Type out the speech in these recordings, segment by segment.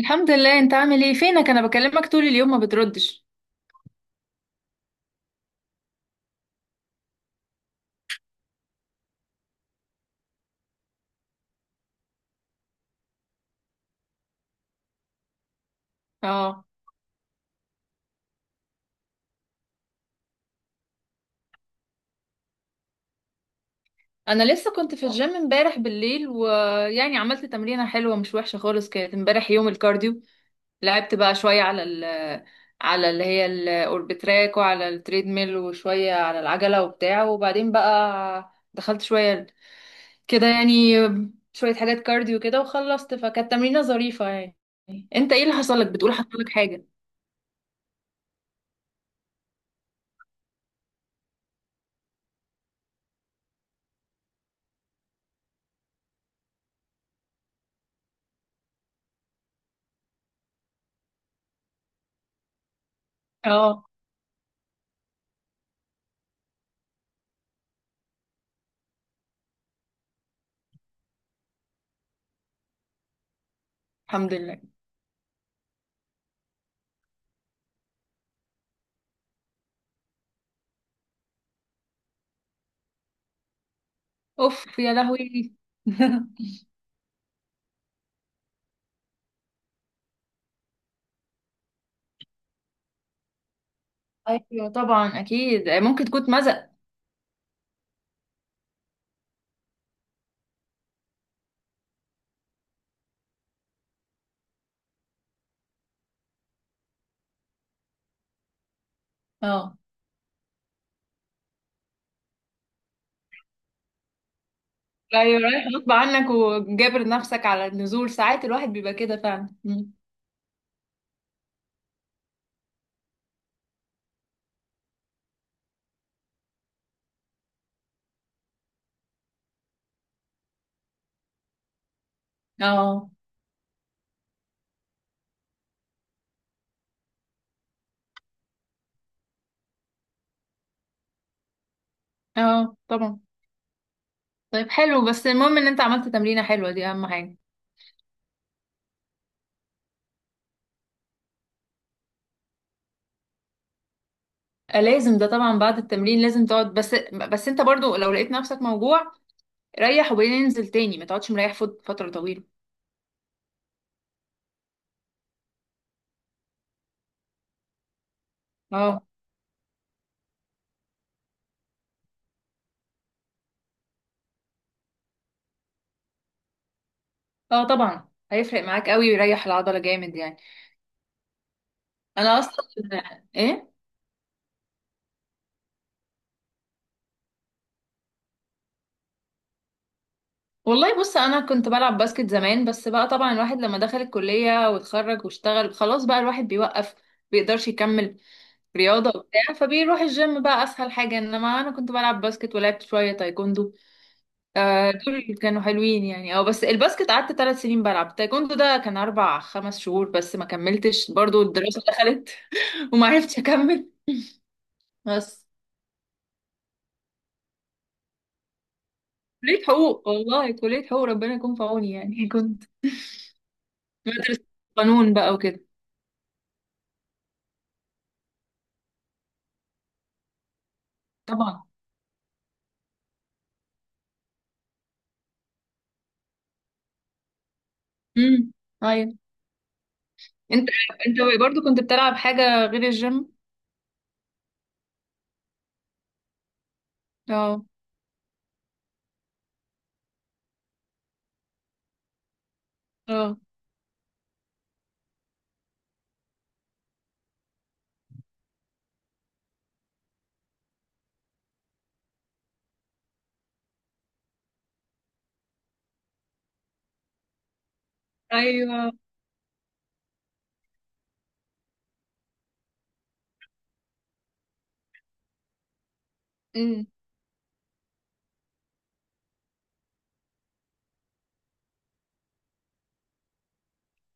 الحمد لله، انت عامل ايه؟ فينك؟ انا بكلمك طول اليوم ما بتردش. اه. انا لسه كنت في الجيم امبارح بالليل، ويعني عملت تمرينة حلوة مش وحشة خالص، كانت امبارح يوم الكارديو. لعبت بقى شوية على اللي هي الاوربتراك، وعلى التريدميل، وشوية على العجلة وبتاع، وبعدين بقى دخلت شوية كده يعني، شوية حاجات كارديو كده وخلصت، فكانت تمرينة ظريفة يعني. انت ايه اللي حصل لك؟ بتقول حصل لك حاجة. اه. الحمد لله. اوف يا لهوي. ايوه طبعا، اكيد ممكن تكون مزق. اه. ايوه، رايح غصب عنك وجابر نفسك على النزول، ساعات الواحد بيبقى كده فعلا. مم. اه. اه طبعا. طيب حلو، بس المهم ان انت عملت تمرينة حلوة، دي اهم حاجة. لازم ده طبعا، بعد التمرين لازم تقعد، بس انت برضو لو لقيت نفسك موجوع ريح وبعدين انزل تاني، ما تقعدش مريح فترة طويلة. اه. اه طبعا، هيفرق معاك قوي ويريح العضلة جامد يعني. انا اصلا. ايه. والله بص، انا كنت بلعب باسكت زمان، بس بقى طبعا الواحد لما دخل الكلية واتخرج واشتغل خلاص بقى الواحد بيوقف، بيقدرش يكمل رياضة وبتاع، فبيروح الجيم بقى اسهل حاجة. انما انا كنت بلعب باسكت ولعبت شوية تايكوندو. آه، دول اللي كانوا حلوين يعني. اه، بس الباسكت قعدت 3 سنين بلعب، تايكوندو ده كان اربع خمس شهور بس، ما كملتش برضو الدراسة دخلت. وما عرفتش اكمل. بس كلية حقوق، والله كلية حقوق ربنا يكون في عوني يعني. كنت بدرس قانون بقى وكده. طبعا. امم. أيوه. انت انت برضو كنت بتلعب حاجة غير الجيم؟ اه. اه ايوه. امم.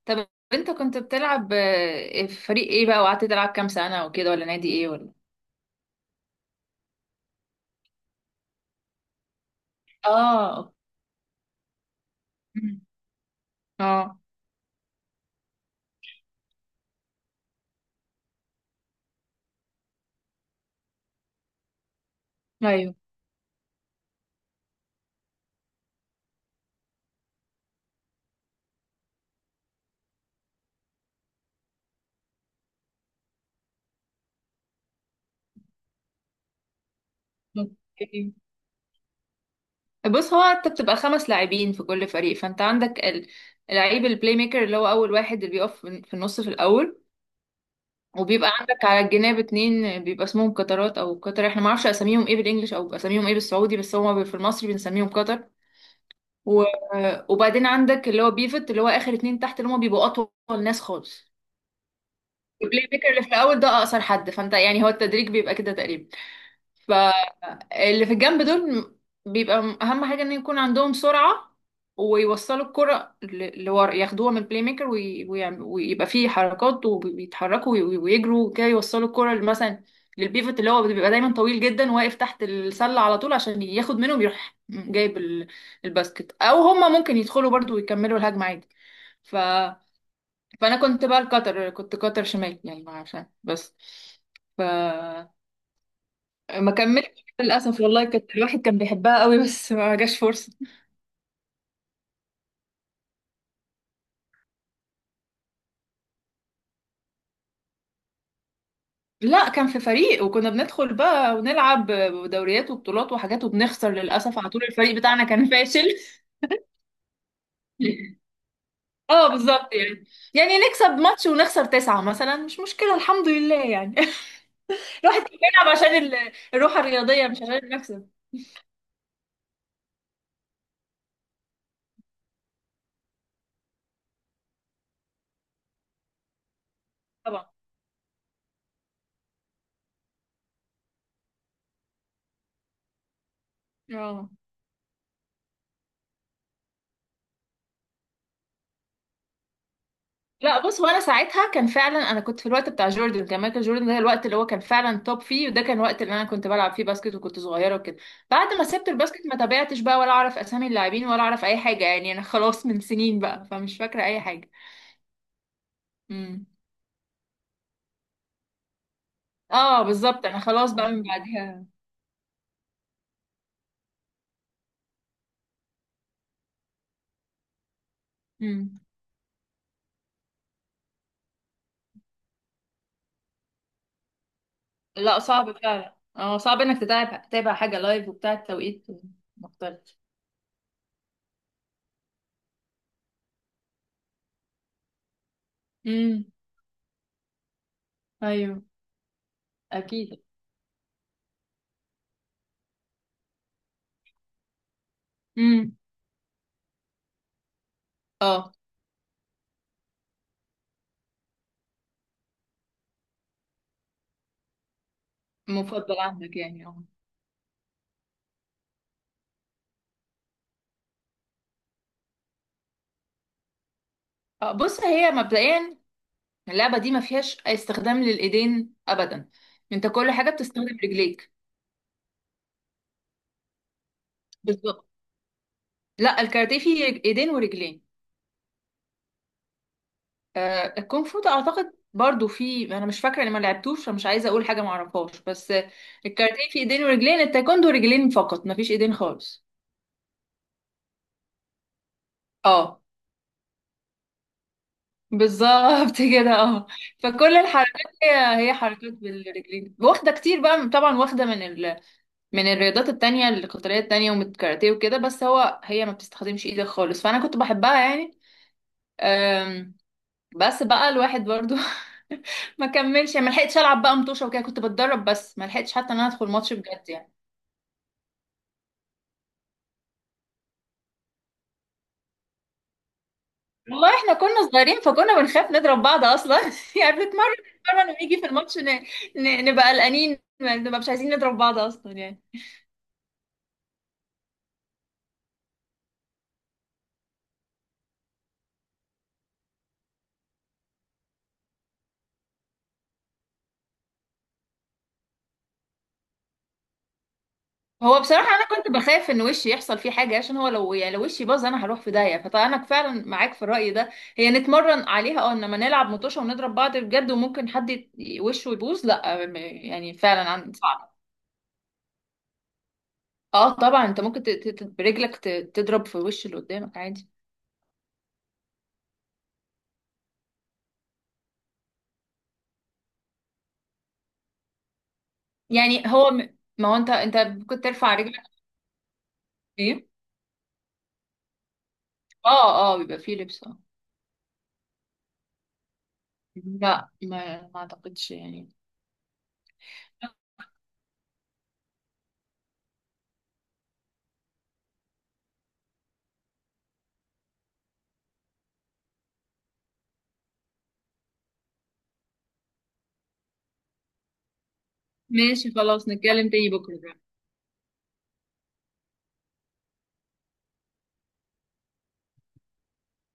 طب انت كنت بتلعب في فريق ايه بقى؟ وقعدت تلعب كام سنة وكده؟ ولا نادي ايه ولا؟ اه. أمم. اه. ايوه. اوكي، بص هو انت بتبقى 5 لاعبين في كل فريق، فانت عندك لعيب، البلاي ميكر اللي هو اول واحد اللي بيقف في النص في الاول، وبيبقى عندك على الجناب اتنين بيبقى اسمهم قطرات او قطر، احنا ما اعرفش اساميهم ايه بالانجلش او اساميهم ايه بالسعودي، بس هو في المصري بنسميهم قطر. و... وبعدين عندك اللي هو بيفت، اللي هو اخر اتنين تحت اللي هم بيبقوا اطول ناس خالص. البلاي ميكر اللي في الاول ده اقصر حد، فانت يعني هو التدريج بيبقى كده تقريبا. ف اللي في الجنب دول بيبقى اهم حاجه ان يكون عندهم سرعه، ويوصلوا الكره لورا، ياخدوها من البلاي ميكر ويبقى فيه حركات وبيتحركوا ويجروا كده يوصلوا الكره مثلا للبيفت، اللي هو بيبقى دايما طويل جدا واقف تحت السله على طول، عشان ياخد منهم يروح جايب الباسكت، او هما ممكن يدخلوا برضو ويكملوا الهجمه عادي. ف... فانا كنت بقى القطر، كنت قطر شمال يعني، ما عشان بس ما كملتش للاسف. والله كانت الواحد كان بيحبها قوي، بس ما جاش فرصه. لا، كان في فريق، وكنا بندخل بقى ونلعب دوريات وبطولات وحاجات وبنخسر للاسف على طول، الفريق بتاعنا كان فاشل. اه بالظبط، يعني يعني نكسب ماتش ونخسر تسعة مثلا، مش مشكلة الحمد لله يعني. الواحد كان بيلعب عشان الروح الرياضية مش عشان المكسب. طبعا. اه. لا، بص هو انا ساعتها كان فعلا، انا كنت في الوقت بتاع جوردن، كان مايكل جوردن ده الوقت اللي هو كان فعلا توب فيه، وده كان الوقت اللي انا كنت بلعب فيه باسكت وكنت صغيره وكده. بعد ما سبت الباسكت ما تابعتش بقى، ولا اعرف اسامي اللاعبين ولا اعرف اي حاجه يعني، انا خلاص من سنين بقى فمش فاكره اي حاجه. امم. اه بالظبط، انا خلاص بقى من بعدها. امم. لا، صعب فعلا، اه صعب انك تتابع تتابع حاجه لايف وبتاع، التوقيت مختلف. امم. ايوه اكيد. امم. اه مفضل عندك يعني. اه. بص هي مبدئيا اللعبة دي ما فيهاش استخدام للإيدين أبدا، أنت كل حاجة بتستخدم رجليك. بالظبط. لا، الكاراتيه فيه إيدين ورجلين. آه الكونغ فو ده أعتقد برضو فيه، أنا مش فاكرة إني ما لعبتوش، فمش عايزة أقول حاجة ما أعرفهاش، بس. الكاراتيه فيه إيدين ورجلين، التايكوندو رجلين فقط، ما فيش إيدين خالص. اه بالظبط، كده اه. فكل الحركات هي هي حركات بالرجلين، واخدة كتير بقى طبعا، واخدة من الرياضات التانية، القتالية التانية والكاراتيه وكده، بس هو هي ما بتستخدمش ايدك خالص، فأنا كنت بحبها يعني. أم، بس بقى الواحد برضو ما كملش يعني، ما لحقتش ألعب بقى مطوشة وكده، كنت بتدرب بس ما لحقتش حتى إن أنا أدخل ماتش بجد يعني. والله احنا كنا صغيرين فكنا بنخاف نضرب بعض اصلا. يعني بنتمرن بنتمرن ونيجي في الماتش نبقى قلقانين، نبقى مش عايزين نضرب بعض اصلا يعني. هو بصراحة أنا كنت بخاف إن وشي يحصل فيه حاجة، عشان هو لو يعني لو وشي باظ أنا هروح في داهية، فأنا فعلا معاك في الرأي ده. هي نتمرن عليها أه، إنما نلعب مطوشة ونضرب بعض بجد وممكن حد وشه يبوظ، لأ يعني فعلا صعب. أه طبعا أنت ممكن برجلك تضرب في وش اللي قدامك عادي. يعني هو ما هو أنت ممكن ترفع رجلك. إيه. أه، أه بيبقى فيه لبس أه. لا ما ما أعتقدش يعني. ماشي خلاص، نتكلم تاني بكرة.